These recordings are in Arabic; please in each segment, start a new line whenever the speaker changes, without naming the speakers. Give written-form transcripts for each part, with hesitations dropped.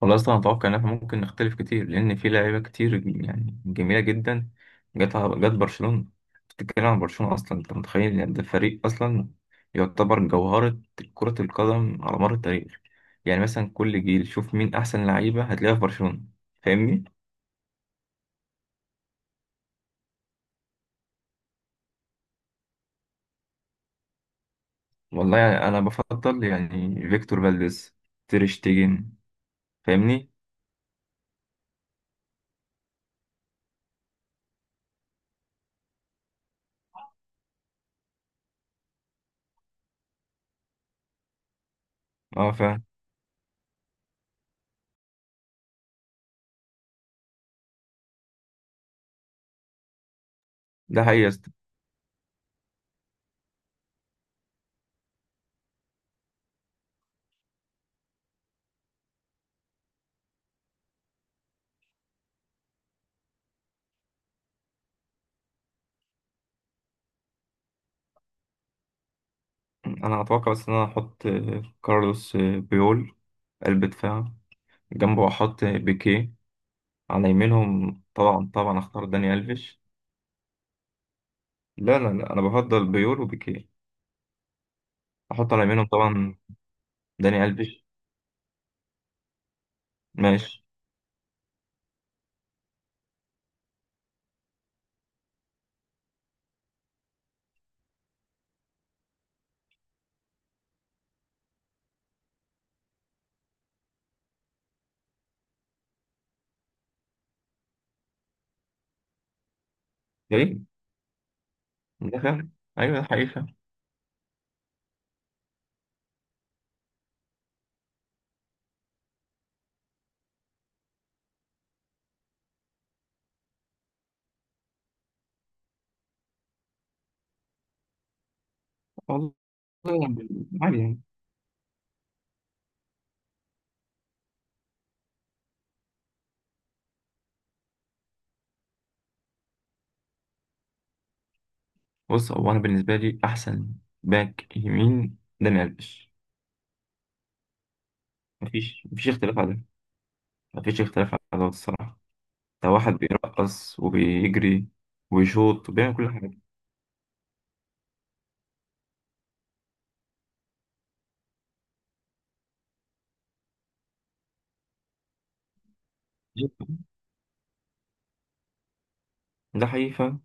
والله اصلا اتوقع ان احنا ممكن نختلف كتير لان في لعيبه كتير يعني جميله جدا. جت برشلونه. بتتكلم عن برشلونه اصلا، انت متخيل يعني ده فريق اصلا يعتبر جوهره كره القدم على مر التاريخ. يعني مثلا كل جيل شوف مين احسن لعيبه هتلاقيها في برشلونه. فاهمني؟ والله يعني انا بفضل يعني فيكتور فالديز، تير شتيجن. فاهمني؟ اه فاهم. ده حقيقي يا اسطى. انا اتوقع بس ان انا احط كارلوس بيول قلب دفاع، جنبه احط بيكيه، على يمينهم طبعا طبعا اختار داني الفيش. لا لا لا، انا بفضل بيول وبيكيه. احط على يمينهم طبعا داني الفيش. ماشي. ايه ده فعلا. ايوه ده حقيقي فعلا. والله يعني عادي يعني. بص، هو انا بالنسبه لي احسن باك يمين داني الفيش. مفيش اختلاف على ده. مفيش اختلاف على ده الصراحه. ده واحد بيرقص وبيجري ويشوط وبيعمل كل حاجه. ده حقيقي فعلا.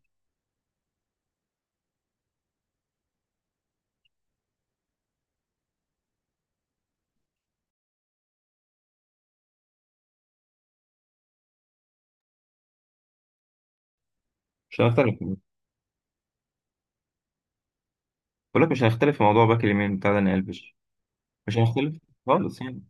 مش هنختلف، بقول لك مش هنختلف في موضوع باك اليمين بتاع داني الفيش. مش هنختلف خالص يعني.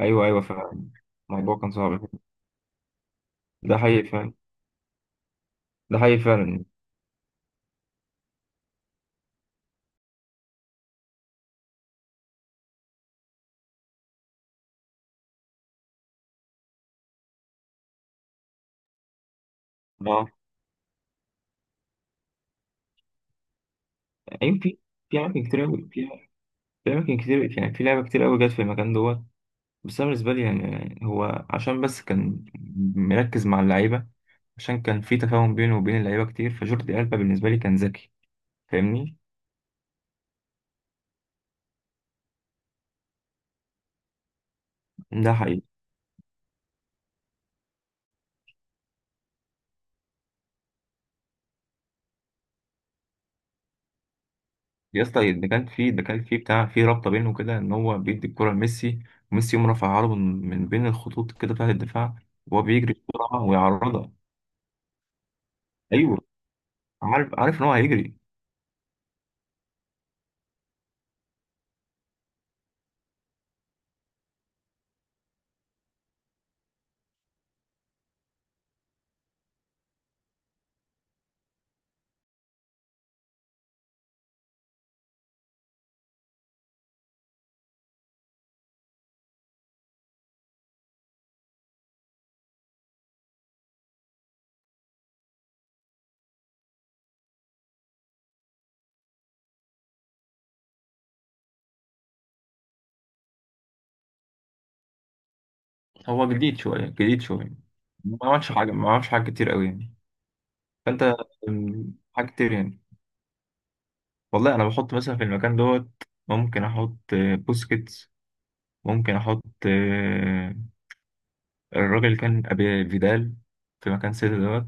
ايوه، ايوه فعلا. الموضوع كان صعب. ده حقيقي فعلا. ده حقيقي فعلا. اه. يعني في اماكن كتير قوي فيها. في اماكن كتير، يعني في لعبه كتير قوي جت في المكان دوت. بس انا بالنسبه لي يعني هو عشان بس كان مركز مع اللعيبه، عشان كان في تفاهم بينه وبين اللعيبه كتير، فجوردي ألبا بالنسبه لي كان ذكي. فاهمني؟ ده حقيقي يا اسطى. ده كان في بتاع، في رابطه بينه كده ان هو بيدي الكره لميسي، وميسي يقوم رافعها له من بين الخطوط كده بتاعه الدفاع، وهو بيجري بسرعه ويعرضها. ايوه، عارف عارف ان هو هيجري. هو جديد شويه، جديد شويه. ما عملش حاجه، ما عملش حاجه كتير قوي يعني. فانت حاجه كتير يعني. والله انا بحط مثلا في المكان دوت، ممكن احط بوسكيتس، ممكن احط الراجل اللي كان ابي فيدال في مكان سيتي دوت.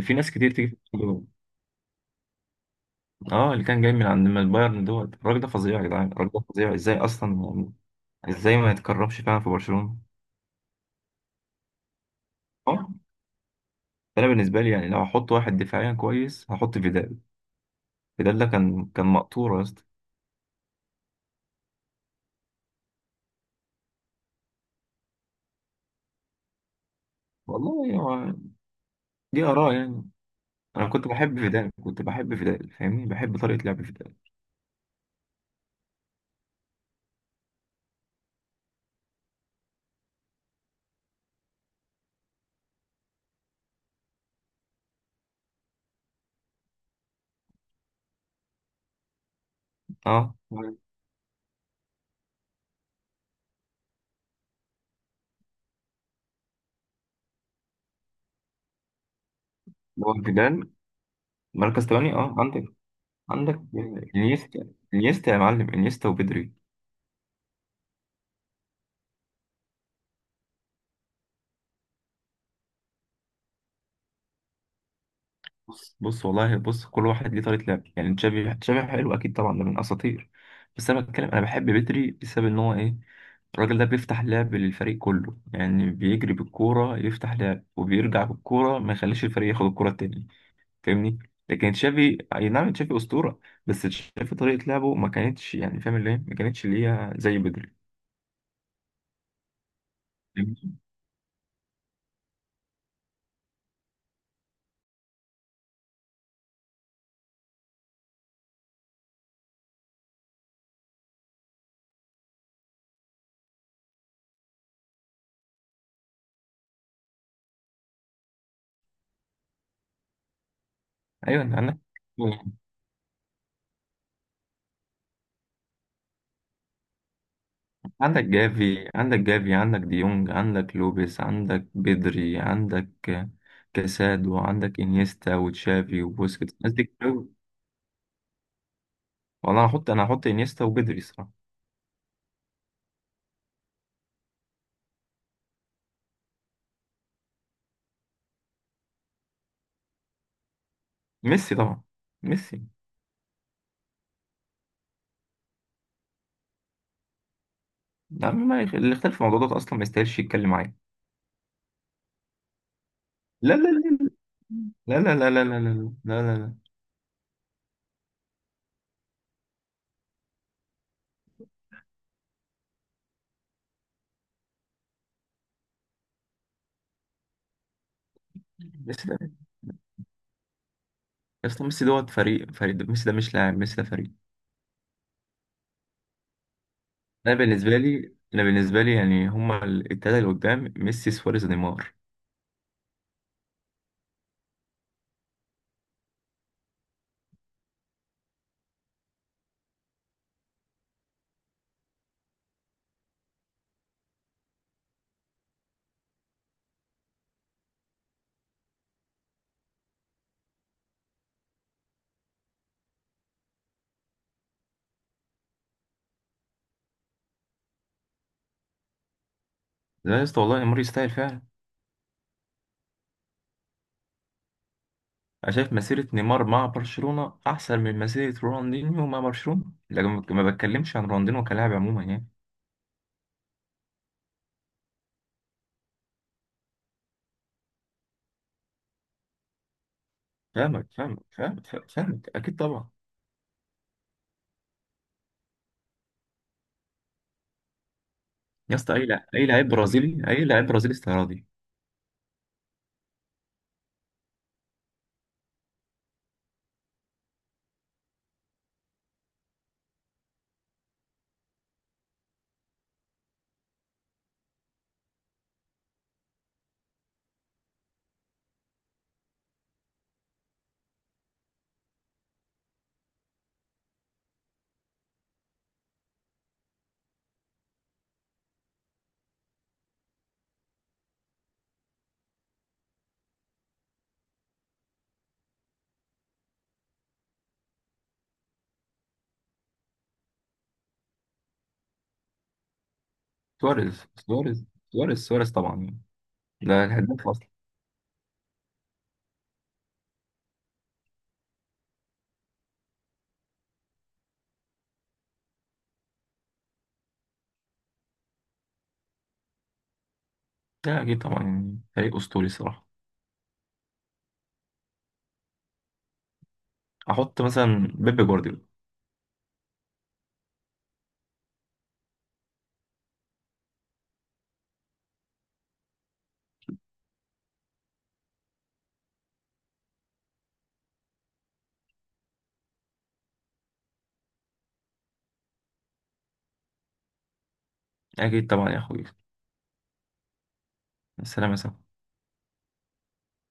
في ناس كتير تيجي في المكان دوت. اه، اللي كان جاي من البايرن دوت، الراجل ده فظيع يا جدعان، الراجل ده فظيع ازاي اصلا يعني. ازاي ما يتكرمش فعلا في برشلونه. اه. فانا بالنسبه لي يعني لو هحط واحد دفاعيا كويس هحط فيدال. فيدال ده كان مقطورة يا اسطى. والله يعني هو، دي آراء يعني. أنا كنت بحب فيدال، كنت بحب فيدال، فاهمني؟ بحب طريقة لعب فيدال. أه. هو فيدال مركز تاني. أه عندك، عندك إنيستا، إنيستا يا معلم، إنيستا وبدري. بص بص والله بص، كل واحد ليه طريقة لعب. يعني تشافي، تشافي حلو أكيد طبعا، ده من أساطير. بس أنا بحب بدري بسبب إن هو إيه، الراجل ده بيفتح لعب للفريق كله، يعني بيجري بالكورة يفتح لعب وبيرجع بالكورة ما يخليش الفريق ياخد الكورة التاني. فاهمني؟ لكن تشافي اي نعم، تشافي اسطوره. بس تشافي طريقه لعبه ما كانتش يعني، فاهم اللي هي ما كانتش اللي هي زي بدري. فاهمني؟ ايوه، أنت عندك، عندك جافي، عندك ديونج، عندك لوبيس، عندك بدري، عندك كاسادو، عندك انيستا وتشافي وبوسكيتس. الناس دي كتير أوي. والله انا هحط انيستا وبدري الصراحه. ميسي طبعا. ميسي، ده ما يخ- اللي اختلف في الموضوع ده اصلا ما يستاهلش يتكلم معايا. لا لا لا لا لا لا لا لا لا لا لا لا لا لا. بس اصلا ميسي دوت، فريق فريق، ميسي ده مش لاعب، ميسي ده فريق. انا بالنسبه لي يعني هما التلاته اللي قدام ميسي، سواريز، نيمار. لا يا اسطى، والله نيمار يستاهل فعلا. انا شايف مسيره نيمار مع برشلونه احسن من مسيره رونالدينيو مع برشلونه، لكن ما بتكلمش عن رونالدينيو كلاعب عموما يعني. فاهمك، فاهمك، فاهمك، فاهمك، فاهمك. اكيد طبعا. يا اسطى اي لاعب برازيلي، اي لاعب برازيلي استعراضي. سواريز، سواريز، سواريز، سواريز طبعا يعني. ده الهداف اصلا. لا اكيد طبعا، يعني فريق اسطوري الصراحه. احط مثلا بيب جوارديولا. أكيد طبعا يا أخوي. السلام يا صاحبي.